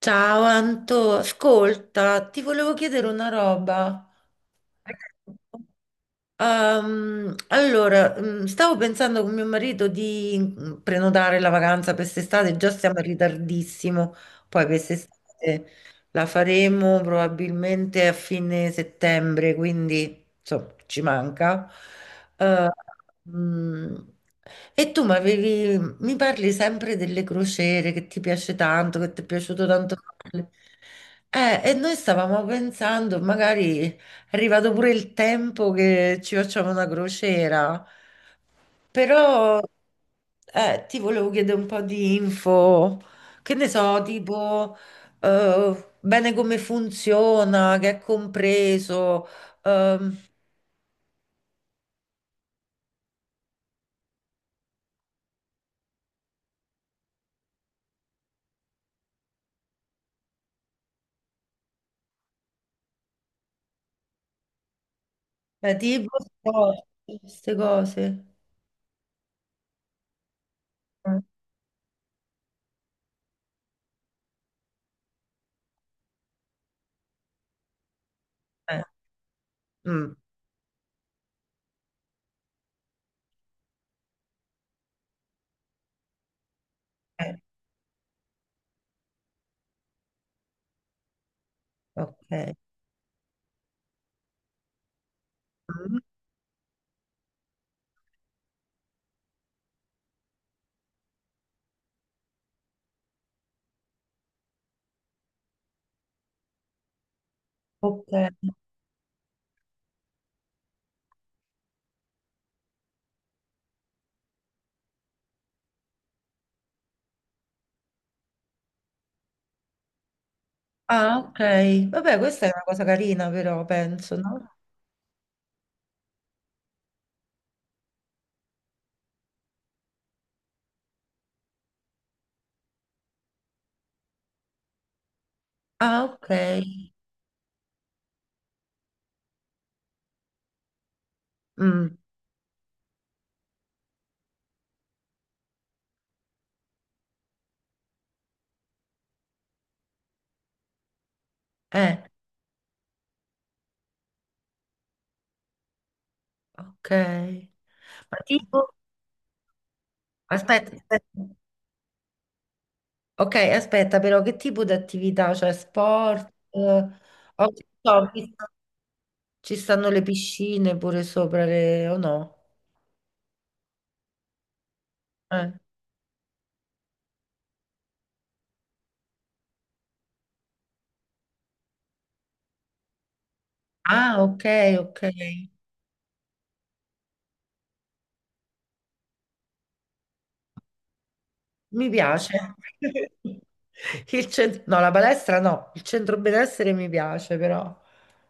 Ciao Anto, ascolta, ti volevo chiedere una roba. Stavo pensando con mio marito di prenotare la vacanza per quest'estate, già siamo in ritardissimo, poi per quest'estate la faremo probabilmente a fine settembre, quindi insomma ci manca. Eh, mm, e tu mi parli sempre delle crociere che ti piace tanto, che ti è piaciuto tanto. Farle. E noi stavamo pensando, magari è arrivato pure il tempo che ci facciamo una crociera, però ti volevo chiedere un po' di info, che ne so, tipo bene come funziona, che è compreso, ehm, tipo queste cose. Eh, mm, eh, ok. Mm. Ok. Ah, ok. Vabbè, questa è una cosa carina, però penso, no? Ah, ok. Mm, eh, ok. Ma tipo, aspetta, aspetta. Ok, aspetta, però che tipo di attività? Cioè, sport? Ho- so, ci sta- Ci stanno le piscine pure sopra le o no? Eh. Ah, ok, ok. Mi piace. No, la palestra no, il centro benessere mi piace, però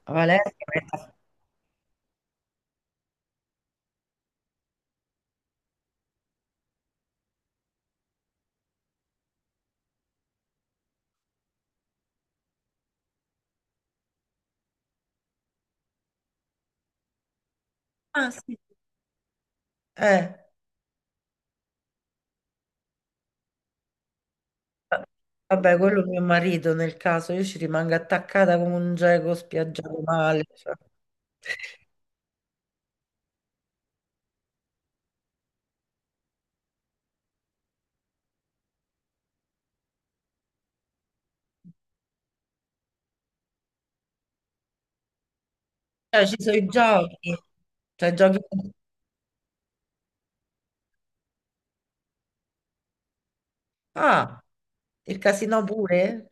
la palestra. Ah, sì. Eh, vabbè, quello mio marito nel caso, io ci rimango attaccata come un geco spiaggiato male. Cioè, ci sono i giochi, cioè giochi. Ah, il casino pure?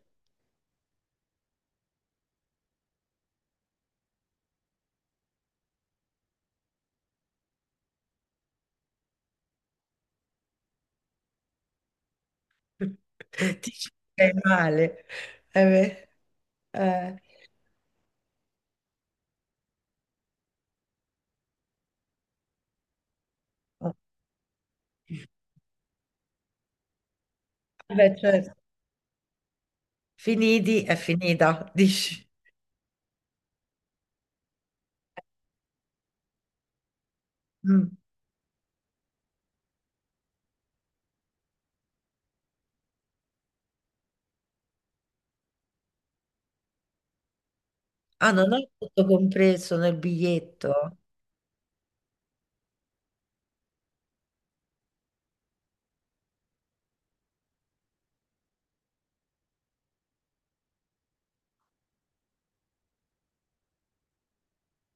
Ti ci fai male. Beh, eh. Vabbè, certo. Finiti è finita, dici? Mm. Ah, non è tutto compreso nel biglietto?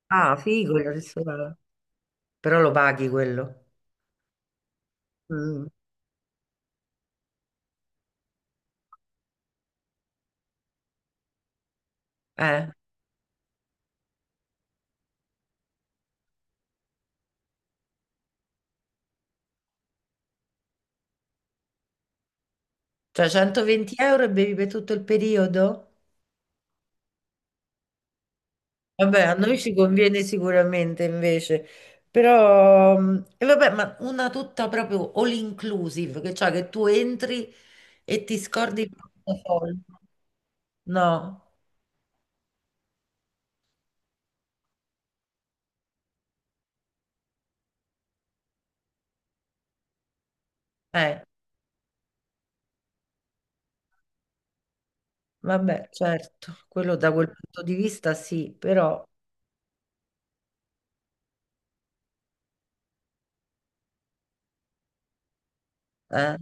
Ah, figo il ristorante. Però lo paghi quello. Mm. Eh, cioè 120 euro e bevi per tutto il periodo? Vabbè, a noi ci conviene sicuramente invece, però e vabbè, ma una tutta proprio all inclusive, che cioè che tu entri e ti scordi il portafoglio. No, eh, vabbè, certo, quello da quel punto di vista sì, però. Eh,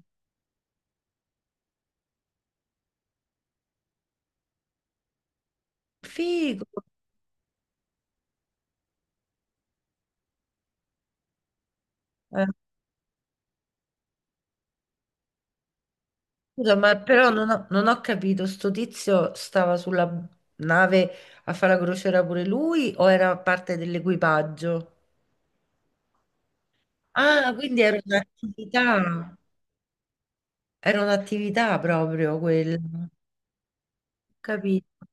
figo. Eh, scusa, ma però non ho capito, sto tizio stava sulla nave a fare la crociera pure lui o era parte dell'equipaggio? Ah, quindi era un'attività proprio quella, ho capito?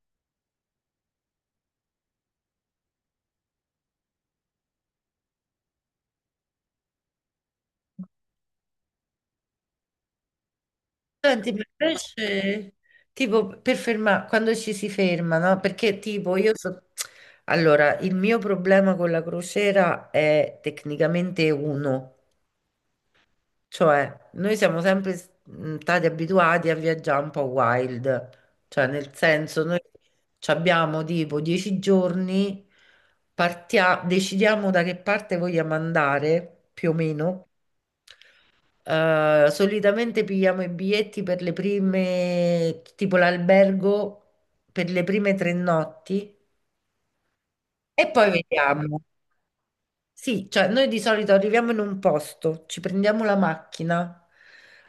Senti, ma invece, tipo, per fermare, quando ci si ferma, no? Perché tipo, io so. Allora, il mio problema con la crociera è tecnicamente uno. Cioè, noi siamo sempre stati abituati a viaggiare un po' wild, cioè nel senso noi ci abbiamo tipo 10 giorni, decidiamo da che parte vogliamo andare, più o meno. Solitamente pigliamo i biglietti per le prime, tipo l'albergo per le prime 3 notti e poi vediamo. Sì, cioè noi di solito arriviamo in un posto, ci prendiamo la macchina,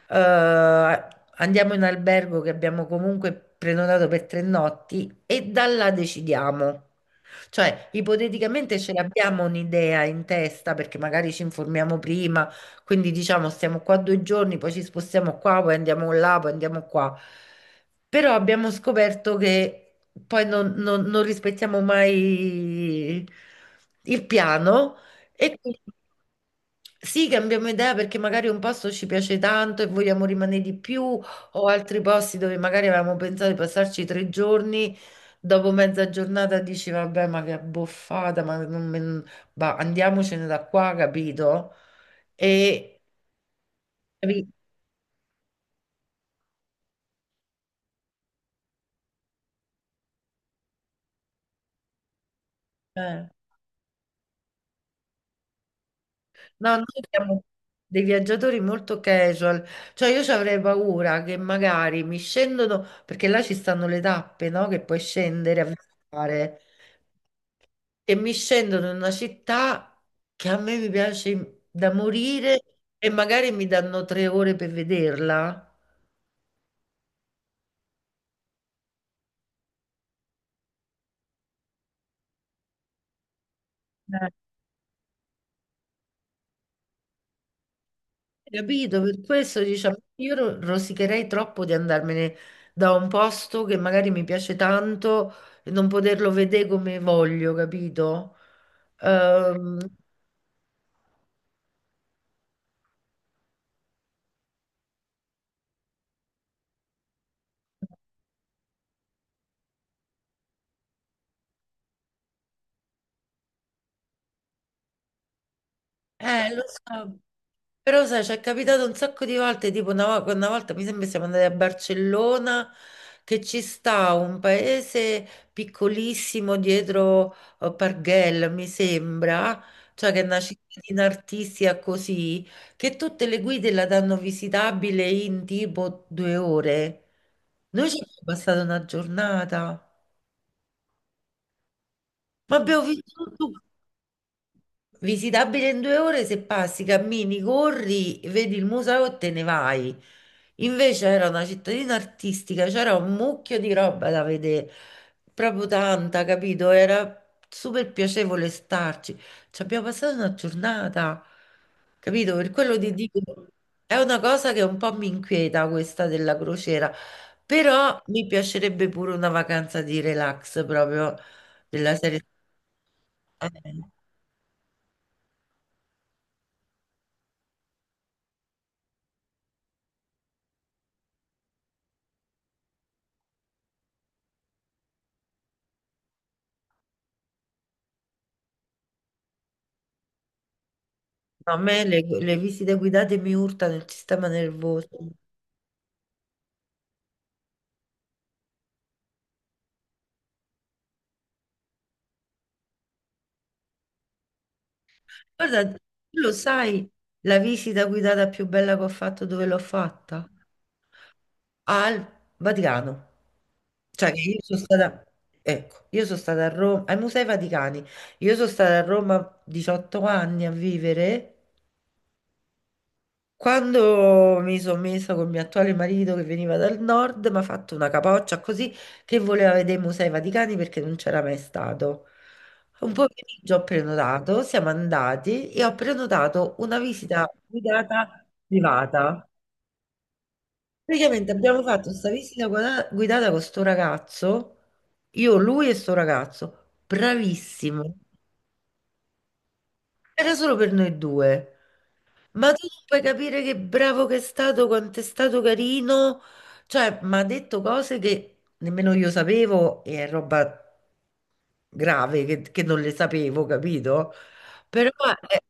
eh, andiamo in albergo che abbiamo comunque prenotato per 3 notti e da là decidiamo. Cioè, ipoteticamente ce l'abbiamo un'idea in testa perché magari ci informiamo prima, quindi diciamo stiamo qua 2 giorni, poi ci spostiamo qua, poi andiamo là, poi andiamo qua. Però abbiamo scoperto che poi non rispettiamo mai il piano. E quindi sì, cambiamo idea perché magari un posto ci piace tanto e vogliamo rimanere di più, o altri posti dove magari avevamo pensato di passarci 3 giorni, dopo mezza giornata dici vabbè, ma che abboffata, ma non me- bah, andiamocene da qua, capito? E capi- eh. No, noi siamo dei viaggiatori molto casual, cioè io ci avrei paura che magari mi scendono, perché là ci stanno le tappe, no? Che puoi scendere a visitare. E mi scendono in una città che a me mi piace da morire e magari mi danno 3 ore per vederla. Eh, Capito? Per questo diciamo, io rosicherei troppo di andarmene da un posto che magari mi piace tanto e non poterlo vedere come voglio, capito? Ehm, lo so. Però sai, ci è capitato un sacco di volte, tipo una volta mi sembra siamo andati a Barcellona, che ci sta un paese piccolissimo dietro Parguel, mi sembra, cioè che è una cittadina artistica così, che tutte le guide la danno visitabile in tipo 2 ore. Noi ci abbiamo passato una giornata, ma abbiamo visto tutto. Visitabile in 2 ore se passi, cammini, corri, vedi il museo e te ne vai. Invece era una cittadina artistica, c'era un mucchio di roba da vedere, proprio tanta, capito? Era super piacevole starci. Ci abbiamo passato una giornata, capito? Per quello ti dico, è una cosa che un po' mi inquieta questa della crociera, però mi piacerebbe pure una vacanza di relax proprio della serie. No, a me le visite guidate mi urtano il sistema nervoso. Guarda, tu lo sai, la visita guidata più bella che ho fatto, dove l'ho fatta? Al Vaticano. Cioè, che io sono stata, ecco, io sono stata a Roma, ai Musei Vaticani. Io sono stata a Roma 18 anni a vivere. Quando mi sono messa con il mio attuale marito che veniva dal nord, mi ha fatto una capoccia così che voleva vedere i Musei Vaticani perché non c'era mai stato. Un pomeriggio ho prenotato, siamo andati e ho prenotato una visita guidata privata. Praticamente abbiamo fatto questa guidata con sto ragazzo, io, lui e sto ragazzo, bravissimo. Era solo per noi due. Ma tu non puoi capire che bravo che è stato, quanto è stato carino. Cioè, mi ha detto cose che nemmeno io sapevo e è roba grave che non le sapevo, capito? Però, eh,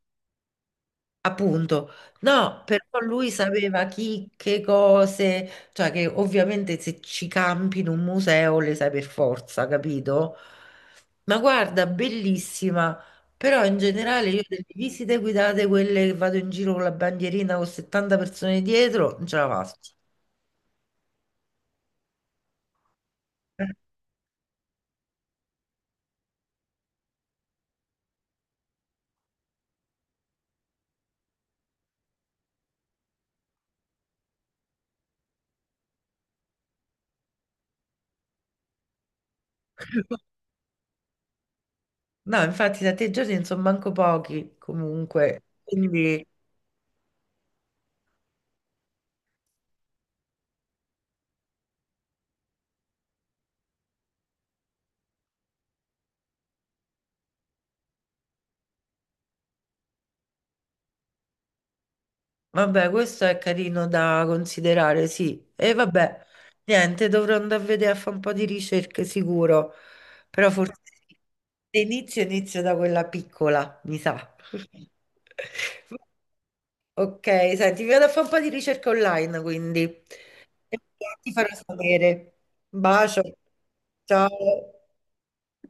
appunto, no, però lui sapeva chi, che cose, cioè che ovviamente se ci campi in un museo le sai per forza, capito? Ma guarda, bellissima, però in generale io delle visite guidate, quelle che vado in giro con la bandierina con 70 persone dietro, non ce la faccio. No, infatti da te giorni non sono manco pochi comunque, quindi vabbè, questo è carino da considerare, sì. E vabbè, niente, dovrò andare a vedere a fare un po' di ricerche sicuro, però forse sì. Se inizio da quella piccola, mi sa. Ok, senti, vado a fare un po' di ricerca online, quindi. E ti farò sapere. Un bacio. Ciao.